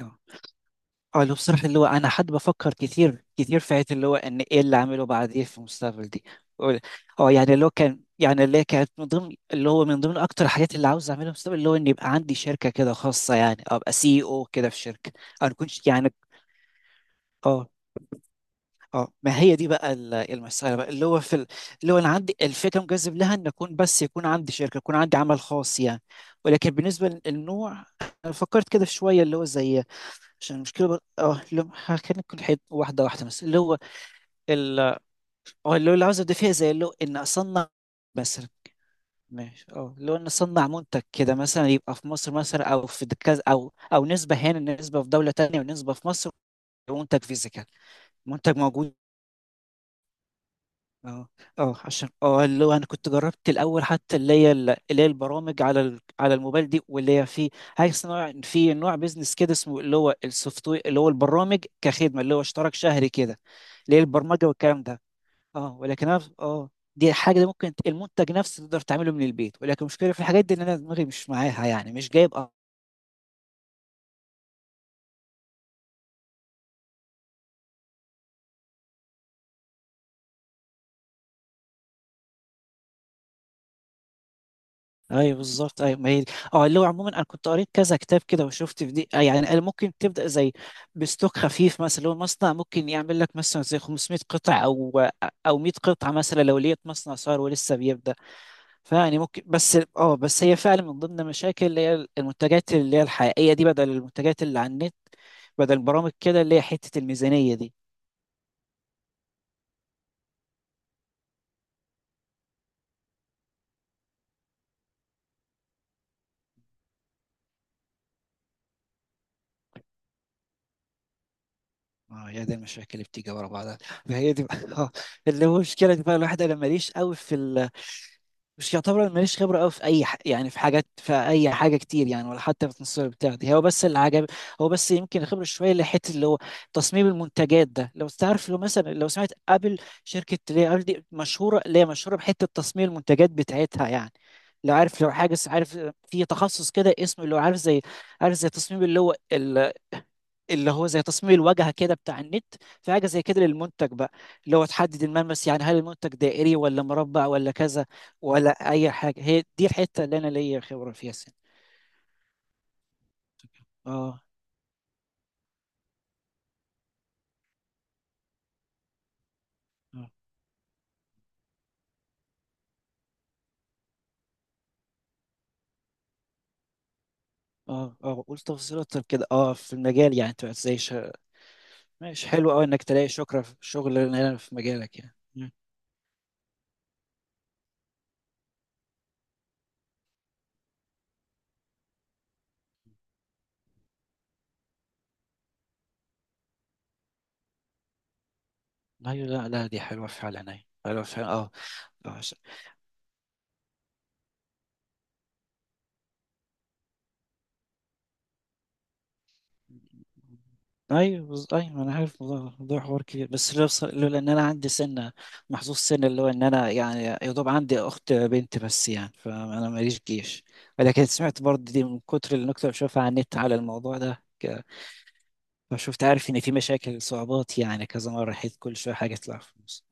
اه اللي بصراحة اللي هو أنا حد بفكر كتير كتير في حياتي اللي هو إن إيه اللي أعمله بعدين في المستقبل دي. أقول- أه يعني اللي هو كان يعني اللي هي كانت من ضمن أكتر الحاجات اللي عاوز أعملها في المستقبل اللي هو إن يبقى عندي شركة كده خاصة، يعني أبقى سي أو كده في شركة. أنا كنتش يعني أه أه ما هي دي بقى المسألة بقى اللي هو في اللي هو أنا عندي الفكرة مجذب لها إن أكون بس يكون عندي شركة، يكون عندي عمل خاص يعني. ولكن بالنسبة للنوع، أنا فكرت كده في شوية اللي هو زي عشان المشكله بر... اه لو خلينا واحده واحده مثلا اللي هو ال... اه اللي هو اللي عاوز ابدا فيها زي اللي هو ان اصنع مثلا ماشي اه اللي هو ان اصنع منتج كده مثلا، يبقى في مصر مثلا او في كذا او نسبه هنا، نسبه في دوله تانية، ونسبه في مصر. منتج فيزيكال، منتج موجود. اه اه عشان اللي هو انا كنت جربت الاول، حتى اللي هي اللي هي البرامج على على الموبايل دي، واللي هي في هاي نوع، في نوع بيزنس كده اسمه اللي هو السوفت وير، اللي هو البرامج كخدمه، اللي هو اشتراك شهري كده، اللي هي البرمجه والكلام ده. اه ولكن انا اه دي حاجه، دي ممكن المنتج نفسه تقدر تعمله من البيت، ولكن المشكله في الحاجات دي ان انا دماغي مش معاها يعني، مش جايب. ايوه بالظبط، ايوه ما هي دي. اه اللي هو عموما انا كنت قريت كذا كتاب كده وشفت في دي. يعني قال ممكن تبدا زي بستوك خفيف مثلا، اللي هو المصنع ممكن يعمل لك مثلا زي 500 قطع او 100 قطعه مثلا، لو لقيت مصنع صار ولسه بيبدا. فيعني ممكن، بس هي فعلا من ضمن المشاكل اللي هي المنتجات اللي هي الحقيقيه دي، بدل المنتجات اللي على النت، بدل البرامج كده، اللي هي حته الميزانيه دي. اه يا دي المشاكل اللي بتيجي ورا بعضها. فهي دي بقى- اه اللي هو مشكلة بقى الواحد، انا ماليش قوي في، مش يعتبر أنا ماليش خبرة قوي في يعني في حاجات، في أي حاجة كتير يعني، ولا حتى في التصوير بتاع دي هو بس اللي عجب. هو بس يمكن الخبرة شوية اللي حتة اللي هو تصميم المنتجات ده، لو تعرف، لو مثلا لو سمعت أبل، شركة اللي هي أبل دي مشهورة، اللي هي مشهورة بحتة تصميم المنتجات بتاعتها يعني. لو عارف، لو حاجة عارف في تخصص كده اسمه اللي هو عارف زي، عارف زي تصميم اللي هو، اللي هو زي تصميم الواجهه كده بتاع النت. في حاجه زي كده للمنتج بقى، اللي هو تحدد الملمس يعني، هل المنتج دائري ولا مربع ولا كذا، ولا اي حاجه. هي دي الحته اللي انا ليا خبره فيها سن. اه اه اه قول تفاصيل اكتر كده، اه في المجال يعني، انت ماشي، حلو قوي انك تلاقي شكرا في شغل هنا في مجالك يعني. مم. ايوه، لا لا، دي حلوه فعلا، ايوه حلوه فعلا. اه آه، ايوه ايوه انا عارف الموضوع، الموضوع حوار كبير، بس لو لولا ان انا عندي سنه، محظوظ سنه اللي هو ان انا يعني يا دوب عندي اخت بنت بس يعني، فانا ماليش جيش. ولكن سمعت برضه دي من كتر النكته اللي بشوفها على النت على الموضوع ده فشفت، عارف ان في مشاكل صعوبات يعني كذا مره، حيث كل شويه حاجه تطلع في النص.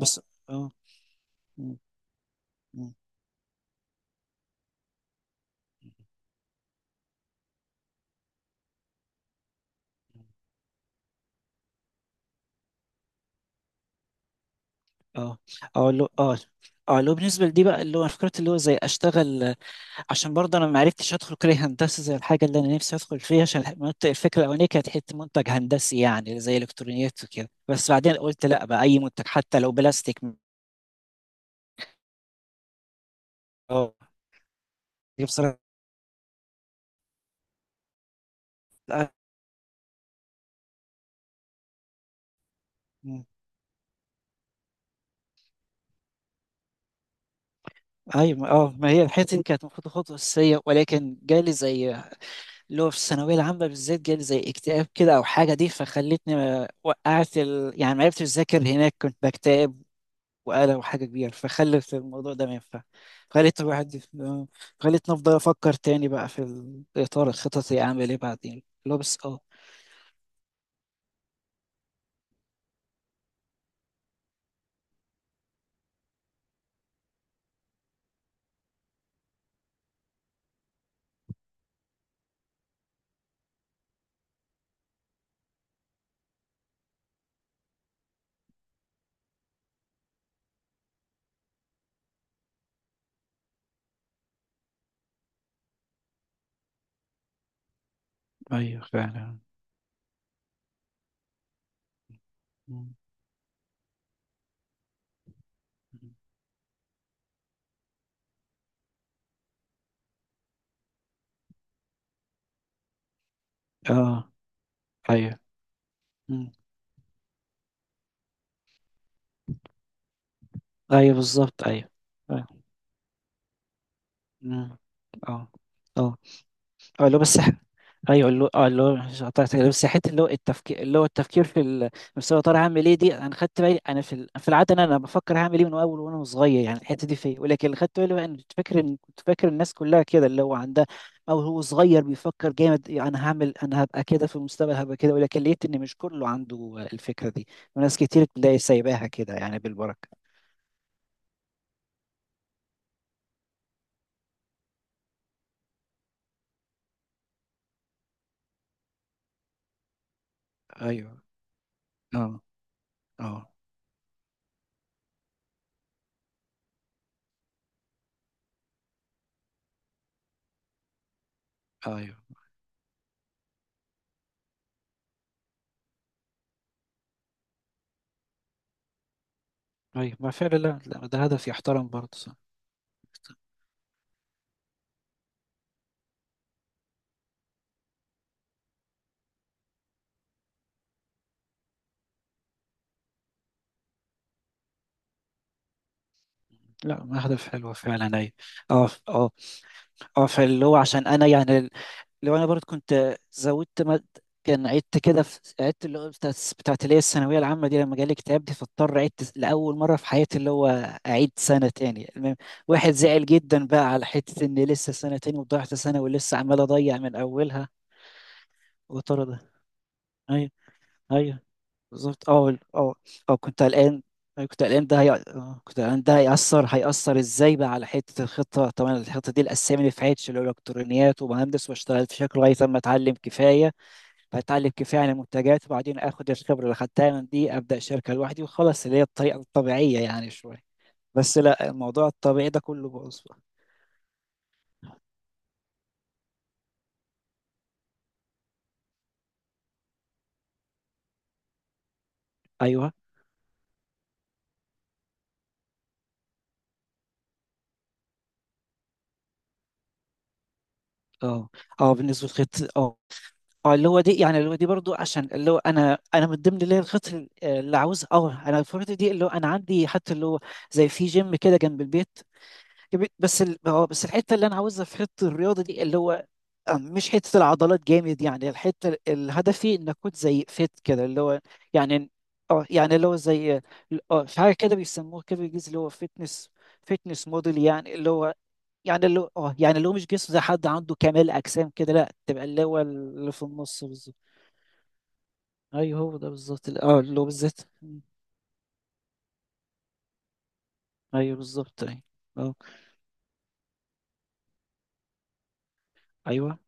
بس اه م- م- م- اه اه لو اه لو بالنسبه لدي بقى، اللي هو أنا فكرت اللي هو زي اشتغل، عشان برضه انا ما عرفتش ادخل كليه هندسه زي الحاجه اللي انا نفسي ادخل فيها. عشان الفكره الاولانيه كانت حته منتج هندسي، يعني زي الكترونيات وكده، بس بعدين قلت لا بقى اي منتج حتى لو بلاستيك. اه دي بصراحه. آه، م- ايوه ما هي الحته دي كانت المفروض خطوه اساسيه، ولكن جالي زي اللي هو في الثانويه العامه بالذات جالي زي اكتئاب كده او حاجه دي، فخلتني وقعت يعني ما عرفتش اذاكر هناك، كنت بكتئب وقلق وحاجة كبيرة، فخلت الموضوع ده ما ينفع. خلت الواحد يف- خلتني أفضل أفكر تاني بقى في إطار الخططي أعمل إيه بعدين، اللي هو بس أه أيوه فعلا. مم. أه. أيوه. مم. أيوه بالظبط، أيوه. أيوه. مم. أه أه اه اللي هو ايوه اللي هو اللي هو مش قطعت كده، بس حته اللي هو التفكير، اللي هو التفكير في بس هو طالع هعمل ايه دي، انا خدت بالي انا في في العاده انا بفكر هعمل ايه من اول وانا صغير يعني، الحته دي فيا. ولكن اللي خدت بالي بقى ان كنت فاكر الناس كلها كده اللي هو عندها، او هو صغير بيفكر جامد يعني، انا هعمل، انا هبقى كده في المستقبل هبقى كده. ولكن لقيت ان مش كله عنده الفكره دي، وناس كتير تلاقي سايباها كده يعني بالبركه. ايوه. اه اه ايوه. ايوه طيب، ما فعلا، لا لا، ده هدف يحترم برضه. لا أهداف حلوة فعلا، أي. أه أه أه فاللي هو عشان أنا يعني، لو أنا برضه كنت كان عدت كده في عدت، اللي هو بتاعت اللي هي الثانوية العامة دي، لما جالي اكتئاب دي فاضطر عدت لأول مرة في حياتي اللي هو أعيد سنة تاني المهم. واحد زعل جدا بقى على حتة إن لسه سنة تاني وضيعت سنة ولسه عمال أضيع من أولها وترى ده. أيوه. أيوه بالظبط. كنت قلقان. أيوة، كنت قلقان ده هي... آه، كنت قلقان ده هيأثر، هيأثر ازاي بقى على حتة الخطة. طبعا الخطة دي الأسامي اللي في عيتش اللي هو الإلكترونيات ومهندس واشتغل في شكل لغاية ما أتعلم كفاية، فأتعلم كفاية عن المنتجات وبعدين آخد الخبرة اللي خدتها من دي أبدأ شركة لوحدي وخلاص، اللي هي الطريقة الطبيعية يعني شوية. بس لا، الموضوع الطبيعي ده كله باظ بقى. أيوه. اه اه بالنسبة للخطة، اه اللي هو دي يعني، اللي هو دي برضو عشان اللي هو انا من ضمن اللي هي اللي عاوز. اه انا الفتره دي اللي هو انا عندي حتى اللي هو زي في جيم كده جنب البيت، جنب- بس ال... اه بس الحته اللي انا عاوزها في حته الرياضه دي اللي هو، اه مش حته العضلات جامد يعني، هدفي ان اكون زي فيت كده اللي هو يعني. اه يعني اللي هو زي اه في حاجه كده بيسموه كده بالانجليزي اللي هو فيتنس، فيتنس موديل يعني اللي هو، مش جسم زي حد عنده كمال اجسام كده، لا تبقى اللي هو اللي في النص بالظبط. ايوه هو ده بالظبط اللي هو بالذات. مم. ايوه بالظبط، ايوه. اه ايوه.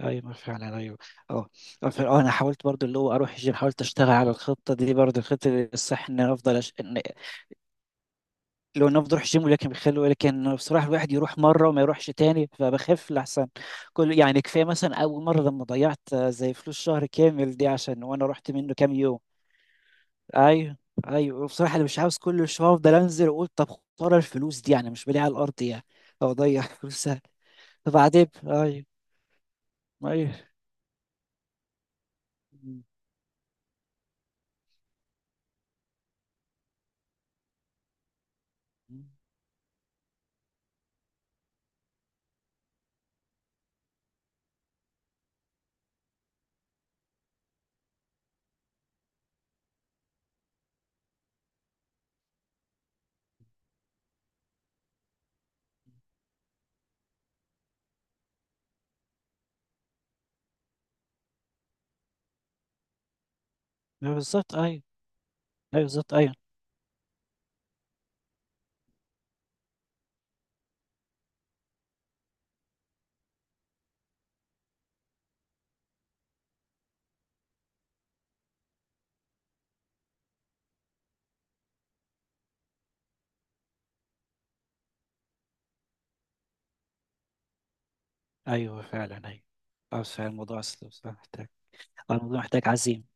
ايوه فعلا، ايوه. اه انا حاولت برضو اللي هو اروح الجيم، حاولت اشتغل على الخطه دي برضو، الخطه دي الصح ان أنا لو ان افضل اروح الجيم، ولكن بيخلوا، لكن بصراحه الواحد يروح مره وما يروحش تاني فبخف لحسن كل يعني. كفايه مثلا اول مره لما ضيعت زي فلوس شهر كامل دي عشان وانا رحت منه كام يوم. ايوه، ايوه بصراحه انا مش عاوز كل شويه افضل انزل واقول طب خساره الفلوس دي، يعني مش بلاقيها على الارض يعني، او اضيع فلوسها. فبعدين ايوه. ايوه. م- م. أيوة بالظبط، ايوه. ايوه بالظبط، ايوه. ايوه فعلا، ايوه. فعلا الموضوع اصلا بس محتاج، الموضوع محتاج عزيمة.